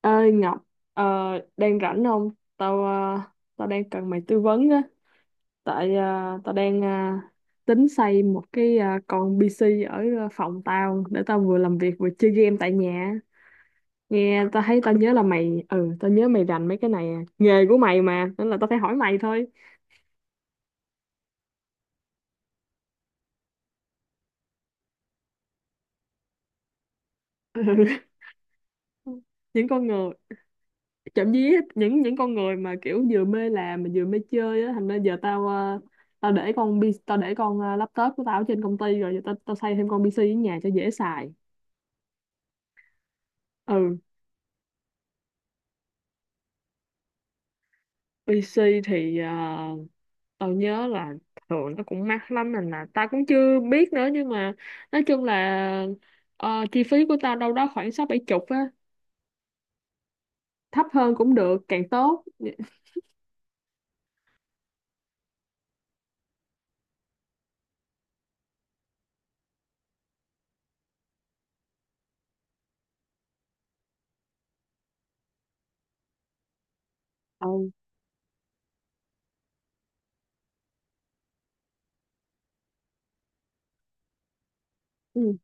Ơi Ngọc, ờ, đang rảnh không? Tao ờ, Tao đang cần mày tư vấn á, tại ờ, tao đang ờ, tính xây một cái con PC ở phòng tao để tao vừa làm việc vừa chơi game tại nhà. Nghe tao thấy tao nhớ là tao nhớ mày rành mấy cái này, à nghề của mày mà, nên là tao phải hỏi mày thôi. Ừ. Những con người, chậm dí, những con người mà kiểu vừa mê làm mà vừa mê chơi á, thành ra giờ tao để tao để con laptop của tao ở trên công ty rồi, giờ tao tao xây thêm con PC ở nhà cho dễ xài. Ừ. PC thì tao nhớ là thường nó cũng mắc lắm nên là tao cũng chưa biết nữa, nhưng mà nói chung là chi phí của tao đâu đó khoảng sáu bảy chục á, thấp hơn cũng được càng tốt. Ừ. Ừ.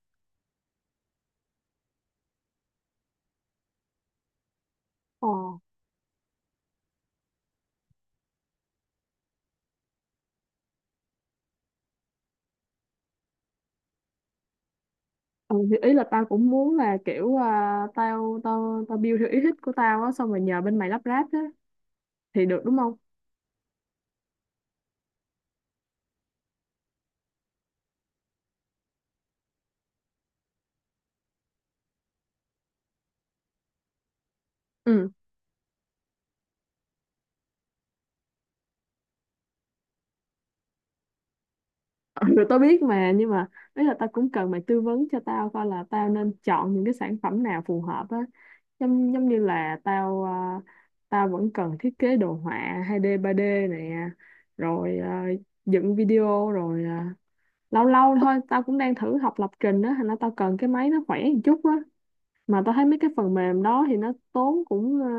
Ờ. Ừ, thì ý là tao cũng muốn là kiểu à, tao tao tao build theo ý thích của tao á, xong rồi nhờ bên mày lắp ráp á, thì được đúng không? Ừ. Ừ, tao biết mà, nhưng mà ý là tao cũng cần mày tư vấn cho tao coi là tao nên chọn những cái sản phẩm nào phù hợp á. Giống giống như là tao vẫn cần thiết kế đồ họa 2D 3D nè, rồi dựng video, rồi lâu lâu thôi tao cũng đang thử học lập trình á, thành ra tao cần cái máy nó khỏe một chút á. Mà tao thấy mấy cái phần mềm đó thì nó tốn cũng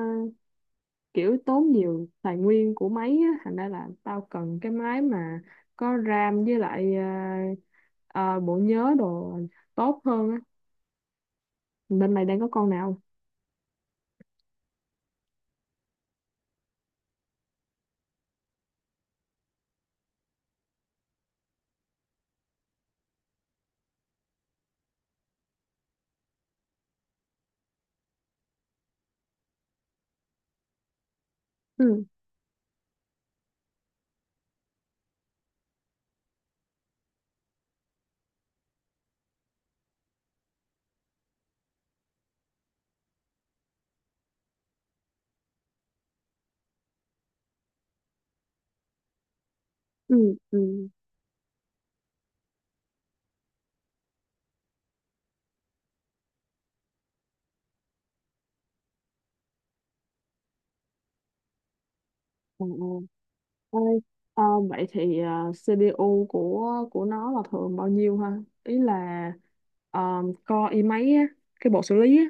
kiểu tốn nhiều tài nguyên của máy á. Thành ra là tao cần cái máy mà có RAM với lại ờ, bộ nhớ đồ tốt hơn á. Bên mày đang có con nào? Ừ, ừ, ừ. Ờ, ờ. Ê, ờ, vậy thì CPU của nó là thường bao nhiêu ha? Ý là core i mấy á, cái bộ xử lý á.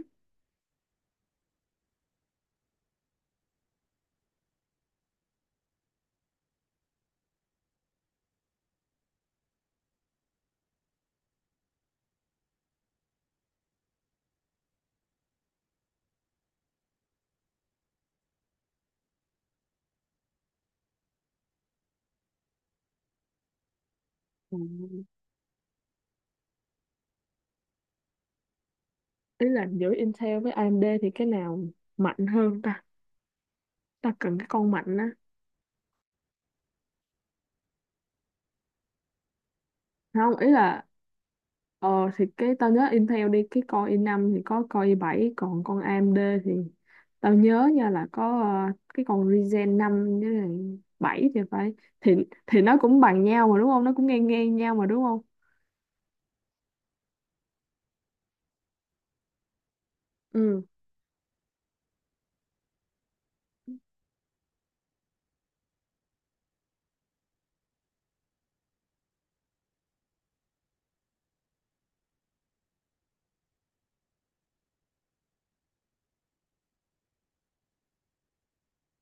Ừ. Ý là giữa Intel với AMD thì cái nào mạnh hơn ta? Ta cần cái con mạnh á. Không, ý là ờ, thì cái tao nhớ Intel đi, cái con i năm thì có con i bảy, còn con AMD thì tao nhớ nha là có cái con Ryzen 5 với lại 7 thì phải, thì thì nó cũng bằng nhau mà đúng không, nó cũng ngang ngang nhau mà đúng không? Ừ,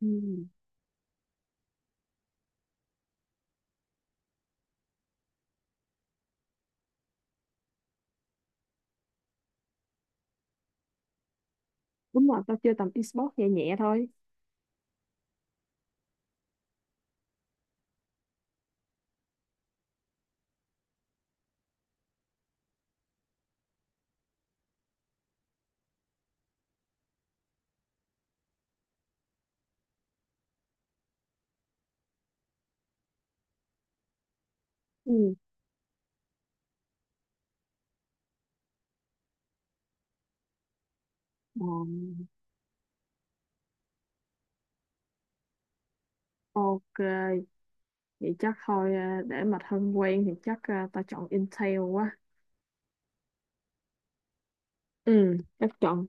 ừ. Đúng rồi, tao chơi tầm esports nhẹ nhẹ thôi. Ừ. Ờ. Ok, vậy chắc thôi, để mà thân quen thì chắc tao chọn Intel quá. Ừ, chắc chọn.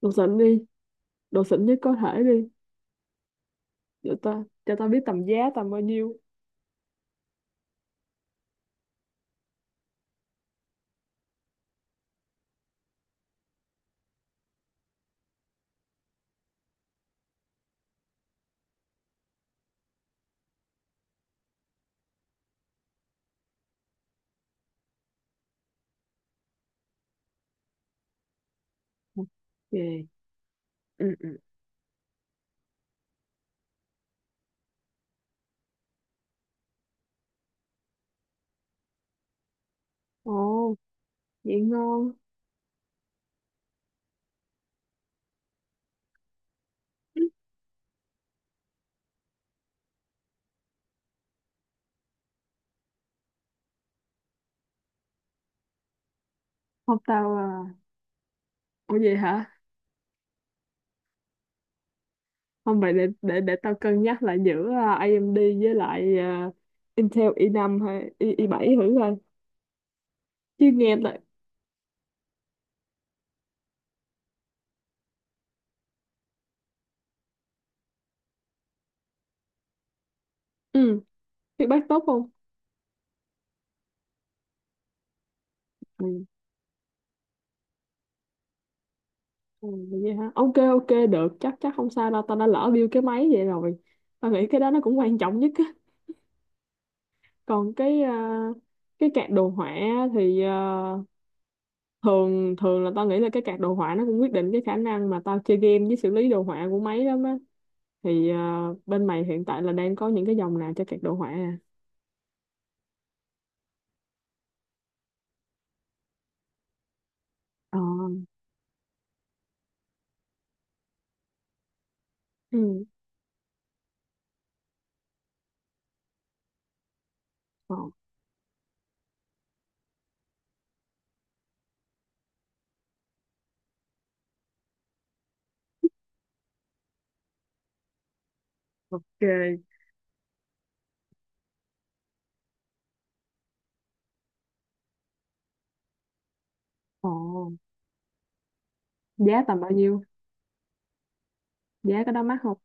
Đồ xịn đi, đồ xịn nhất có thể đi. Để ta, cho tao biết tầm giá tầm bao nhiêu. Ok. Ừ, ừ. Ồ, vậy ngon. Không tao à. Ủa vậy hả? Không, vậy để để tao cân nhắc lại giữa AMD với lại Intel i năm hay i7 thử coi. Chứ nghe lại ừ, feedback tốt không? Ừ. Ừ. Vậy hả? Ok ok được, chắc chắc không sao đâu, tao đã lỡ build cái máy vậy rồi. Tao nghĩ cái đó nó cũng quan trọng nhất á. Còn cái card đồ họa thì à, thường thường là tao nghĩ là cái card đồ họa nó cũng quyết định cái khả năng mà tao chơi game với xử lý đồ họa của máy lắm á, thì bên mày hiện tại là đang có những cái dòng nào cho card đồ họa à? Ờ. Ừ. Ờ. Ok. Ờ. Giá tầm bao nhiêu? Giá có đó mắc không?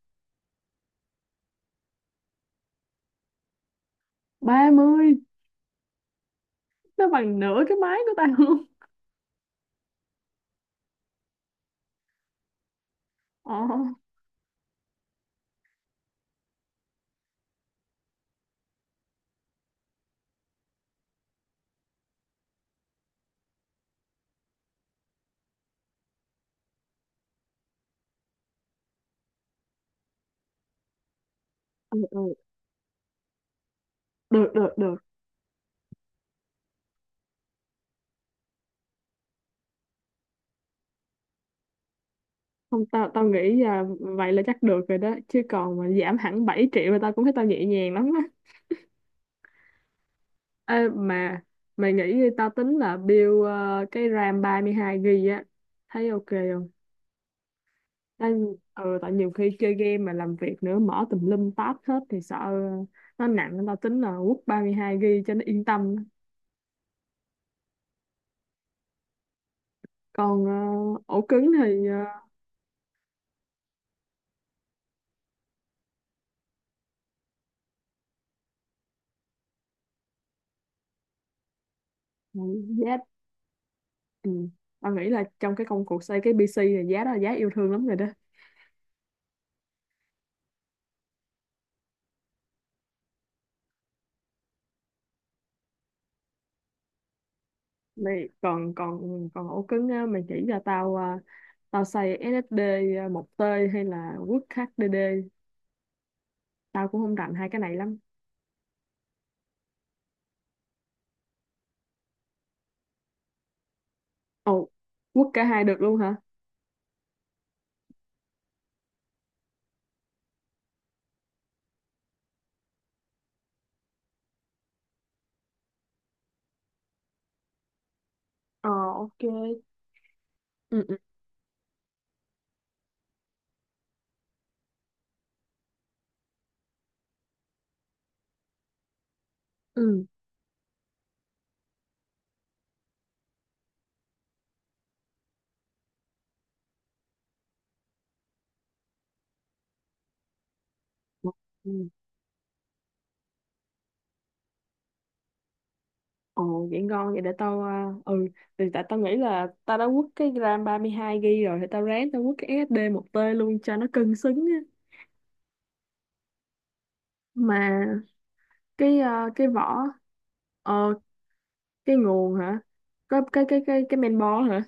30, nó bằng nửa cái máy của tao luôn. Ờ. Ừ, ừ. Được được được, không tao tao nghĩ là vậy là chắc được rồi đó, chứ còn mà giảm hẳn 7 triệu là tao cũng thấy tao nhẹ nhàng lắm. Ê, mà mày nghĩ tao tính là build cái RAM 32 GB á, thấy ok không? Tại, ừ, tại nhiều khi chơi game mà làm việc nữa, mở tùm lum tab hết thì sợ nó nặng nên tao tính là quất 32 GB cho nó yên tâm. Còn ổ cứng thì ừ, giá ừ. Tao nghĩ là trong cái công cuộc xây cái PC này giá đó là giá yêu thương lắm rồi đó. Mày còn còn còn ổ cứng á, mày chỉ cho tao tao xây SSD một t hay là quất HDD, tao cũng không rành hai cái này lắm. Ồ, quất cả hai được luôn hả? Ờ ok. Ừ ừ. Ừ. Ừ. Ồ vậy ngon, vậy để tao à, ừ, thì tại tao nghĩ là tao đã quất cái ram 32 GB rồi thì tao ráng tao quất cái SSD một tê luôn cho nó cân xứng á. Mà cái vỏ, ờ cái nguồn hả? Có cái cái main board hả?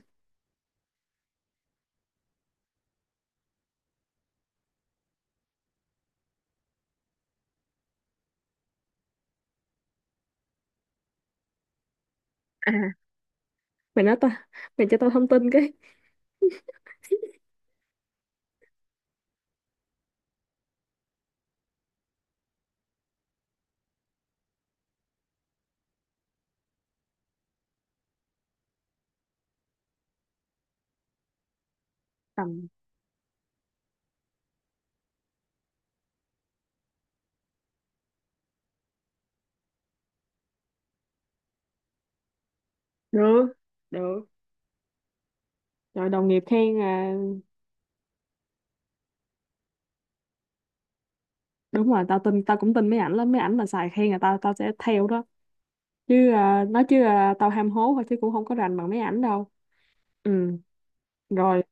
À, mày nói tao, mày cho tao thông tin cái tầm. Được, được rồi, đồng nghiệp khen à? Đúng rồi, tao tin, tao cũng tin mấy ảnh lắm, mấy ảnh mà xài khen là tao tao sẽ theo đó. Chứ à, nói chứ à, tao ham hố thôi chứ cũng không có rành bằng mấy ảnh đâu. Ừ. Rồi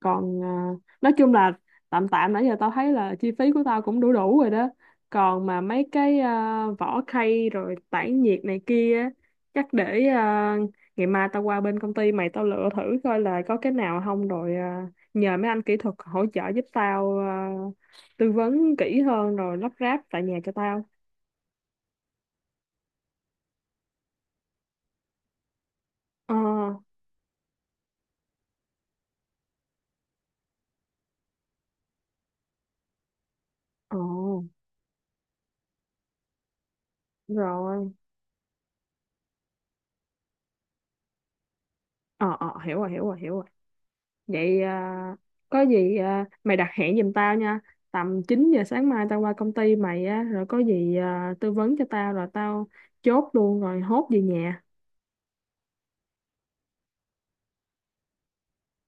còn à, nói chung là tạm tạm nãy giờ tao thấy là chi phí của tao cũng đủ đủ rồi đó. Còn mà mấy cái à, vỏ khay rồi tản nhiệt này kia á, chắc để à, ngày mai tao qua bên công ty mày tao lựa thử coi là có cái nào không, rồi à, nhờ mấy anh kỹ thuật hỗ trợ giúp tao à, tư vấn kỹ hơn rồi lắp ráp tại nhà cho tao. Ờ. Ờ. Rồi. Ờ ờ, hiểu rồi hiểu rồi hiểu rồi. Vậy à, có gì à, mày đặt hẹn giùm tao nha, tầm 9 giờ sáng mai tao qua công ty mày á, rồi có gì à, tư vấn cho tao rồi tao chốt luôn rồi hốt về nhà.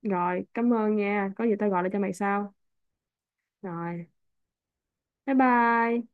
Rồi cảm ơn nha, có gì tao gọi lại cho mày sau. Rồi bye bye.